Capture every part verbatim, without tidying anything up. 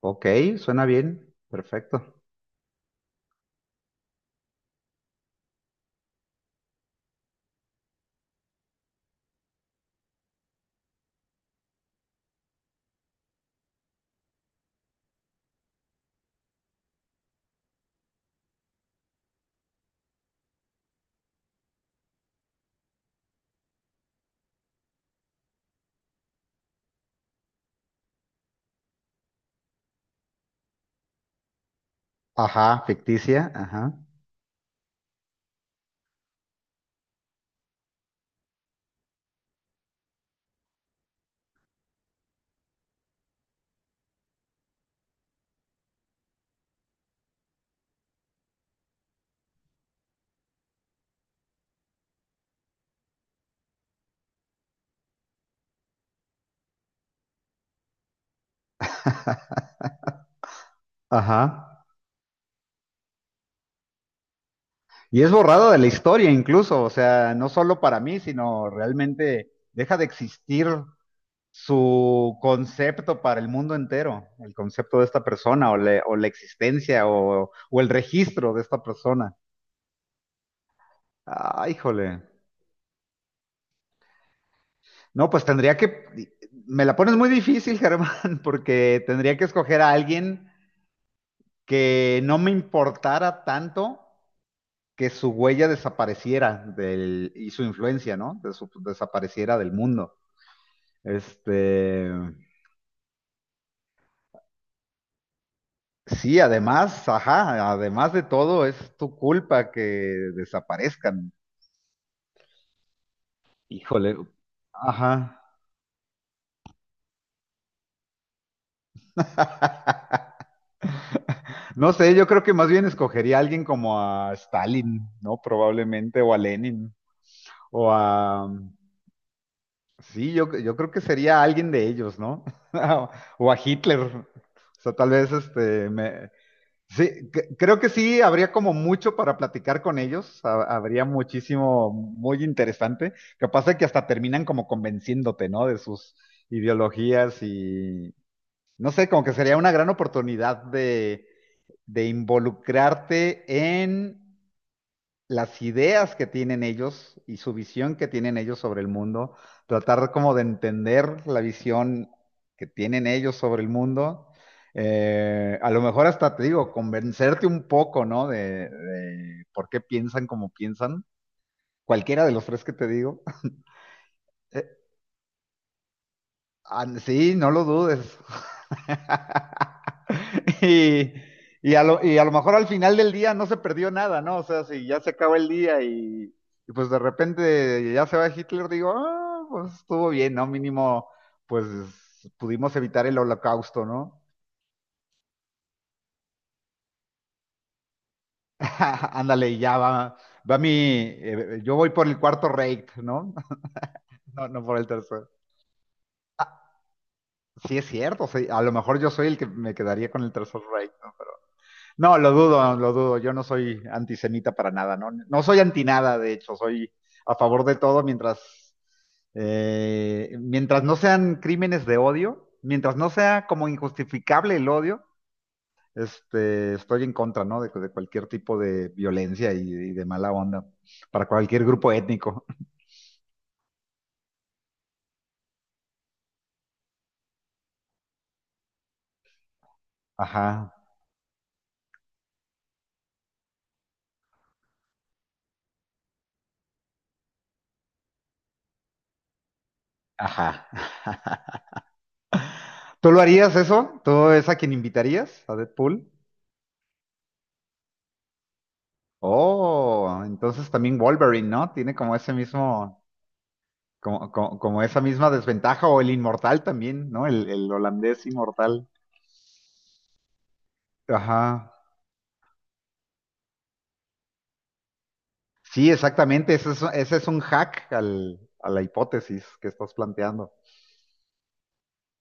Ok, suena bien. Perfecto. Ajá, ficticia. Ajá. Ajá. Y es borrada de la historia incluso, o sea, no solo para mí, sino realmente deja de existir su concepto para el mundo entero, el concepto de esta persona o, le- o la existencia o, o el registro de esta persona. Ah, híjole. No, pues tendría que... Me la pones muy difícil, Germán, porque tendría que escoger a alguien que no me importara tanto que su huella desapareciera del, y su influencia, ¿no? De su, desapareciera del mundo. Este, sí, además, ajá, además de todo, es tu culpa que desaparezcan. Híjole. Ajá. No sé, yo creo que más bien escogería a alguien como a Stalin, ¿no? Probablemente, o a Lenin, o a... Sí, yo, yo creo que sería alguien de ellos, ¿no? O a Hitler. O sea, tal vez este, me, sí, cre- creo que sí, habría como mucho para platicar con ellos, ha- habría muchísimo muy interesante, capaz de que hasta terminan como convenciéndote, ¿no? De sus ideologías y, no sé, como que sería una gran oportunidad de, de involucrarte en las ideas que tienen ellos y su visión que tienen ellos sobre el mundo, tratar como de entender la visión que tienen ellos sobre el mundo, eh, a lo mejor hasta te digo, convencerte un poco, ¿no? De, de por qué piensan como piensan, cualquiera de los tres que te digo. Ah, sí, no lo dudes. Y, y a lo, y a lo mejor al final del día no se perdió nada, ¿no? O sea, si ya se acaba el día y, y pues de repente ya se va Hitler, digo, ah, pues estuvo bien, ¿no? Mínimo, pues pudimos evitar el holocausto, ¿no? Ándale, y ya va, va mi, eh, yo voy por el cuarto rate, ¿no? No, no por el tercer. Ah, sí es cierto, sí, a lo mejor yo soy el que me quedaría con el tercer rate, ¿no? No, lo dudo, lo dudo. Yo no soy antisemita para nada, no, no soy anti nada, de hecho, soy a favor de todo mientras, eh, mientras no sean crímenes de odio, mientras no sea como injustificable el odio, este, estoy en contra, ¿no? De, de cualquier tipo de violencia y, y de mala onda para cualquier grupo étnico. Ajá, ajá. ¿Tú lo harías eso? ¿Tú es a quien invitarías a Deadpool? Oh, entonces también Wolverine, ¿no? Tiene como ese mismo. Como, como, como esa misma desventaja, o el inmortal también, ¿no? El, el holandés inmortal. Ajá. Sí, exactamente. Ese es, ese es un hack al, a la hipótesis que estás planteando.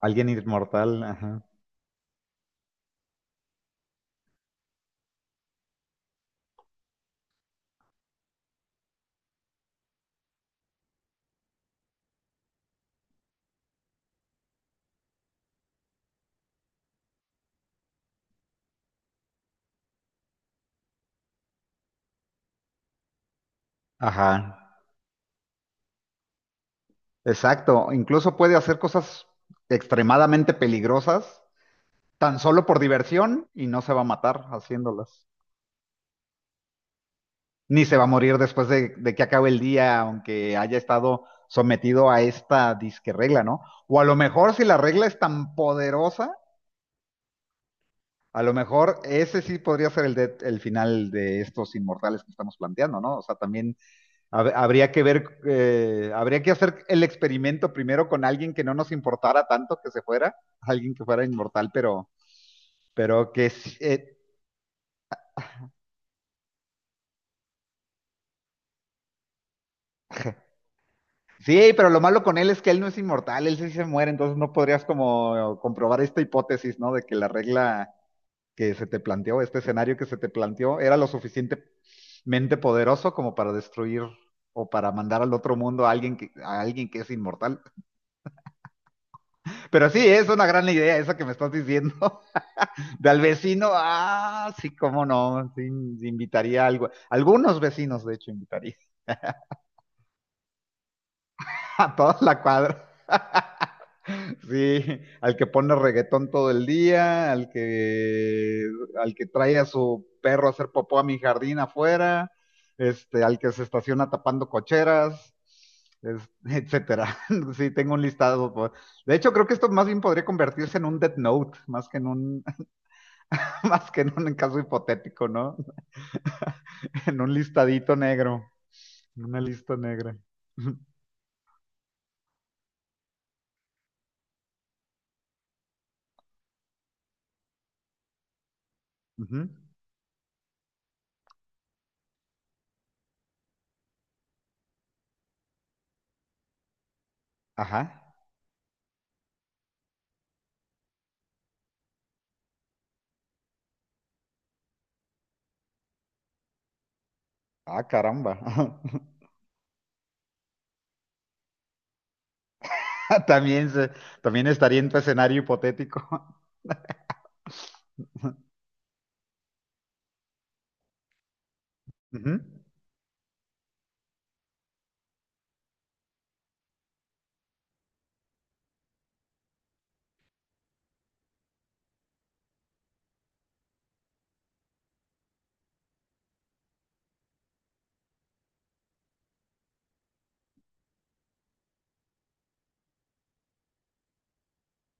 Alguien inmortal, ajá. Ajá. Exacto. Incluso puede hacer cosas extremadamente peligrosas tan solo por diversión y no se va a matar haciéndolas. Ni se va a morir después de, de que acabe el día, aunque haya estado sometido a esta disque regla, ¿no? O a lo mejor si la regla es tan poderosa, a lo mejor ese sí podría ser el, de- el final de estos inmortales que estamos planteando, ¿no? O sea, también hab- habría que ver, eh, habría que hacer el experimento primero con alguien que no nos importara tanto que se fuera, alguien que fuera inmortal, pero, pero que eh, sí, pero lo malo con él es que él no es inmortal, él sí se muere, entonces no podrías como comprobar esta hipótesis, ¿no? De que la regla que se te planteó, este escenario que se te planteó, era lo suficientemente poderoso como para destruir o para mandar al otro mundo a alguien que, a alguien que es inmortal. Pero sí, es una gran idea esa que me estás diciendo. De al vecino, ah, sí, cómo no, sí, invitaría a algo. Algunos vecinos, de hecho, invitaría a toda la cuadra. Sí, al que pone reggaetón todo el día, al que, al que trae a su perro a hacer popó a mi jardín afuera, este, al que se estaciona tapando cocheras, es- etcétera. Sí, tengo un listado. po- De hecho, creo que esto más bien podría convertirse en un Death Note, más que en un, más que en un caso hipotético, ¿no? En un listadito negro, en una lista negra. Ujú. Ajá. Ah, caramba. También, se- también estaría en tu escenario hipotético. Ujú.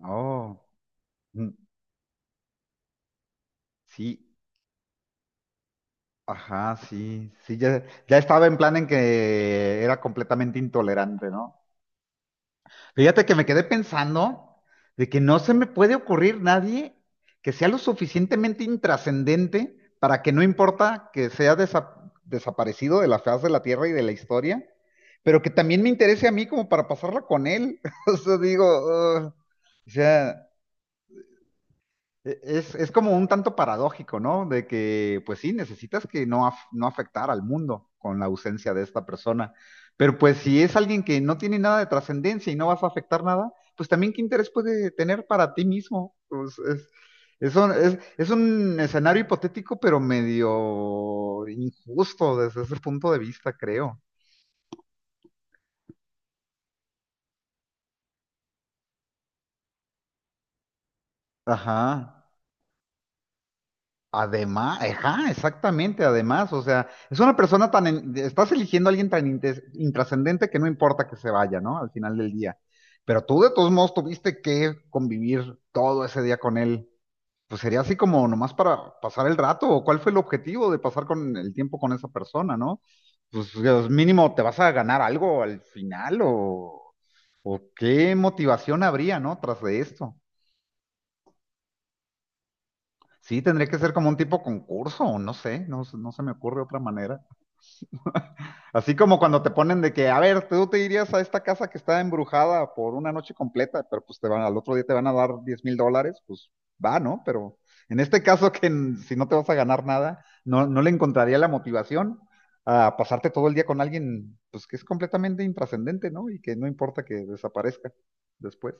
Oh, mm, sí, ajá, sí, sí, ya, ya estaba en plan en que era completamente intolerante, ¿no? Fíjate que me quedé pensando de que no se me puede ocurrir nadie que sea lo suficientemente intrascendente para que no importa que sea desa- desaparecido de la faz de la tierra y de la historia, pero que también me interese a mí como para pasarla con él. O sea, digo, "Ugh", o sea. E- Es, es como un tanto paradójico, ¿no? De que, pues sí, necesitas que no, af- no afectar al mundo con la ausencia de esta persona. Pero pues si es alguien que no tiene nada de trascendencia y no vas a afectar nada, pues también qué interés puede tener para ti mismo. Pues, es, es un, es- es un escenario hipotético, pero medio injusto desde ese punto de vista, creo. Ajá. Además, ajá, exactamente, además, o sea, es una persona tan, en- estás eligiendo a alguien tan intes- intrascendente que no importa que se vaya, ¿no? Al final del día. Pero tú de todos modos tuviste que convivir todo ese día con él. Pues sería así como nomás para pasar el rato, o cuál fue el objetivo de pasar con el tiempo con esa persona, ¿no? Pues Dios, mínimo, ¿te vas a ganar algo al final o, o qué motivación habría, ¿no? Tras de esto. Sí, tendría que ser como un tipo concurso, o no sé, no, se- no se me ocurre otra manera. Así como cuando te ponen de que, a ver, tú te irías a esta casa que está embrujada por una noche completa, pero pues te van, al otro día te van a dar diez mil dólares, pues va, ¿no? Pero en este caso que n- si no te vas a ganar nada, no, no le encontraría la motivación a pasarte todo el día con alguien, pues que es completamente intrascendente, ¿no? Y que no importa que desaparezca después.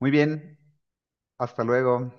Muy bien, hasta luego.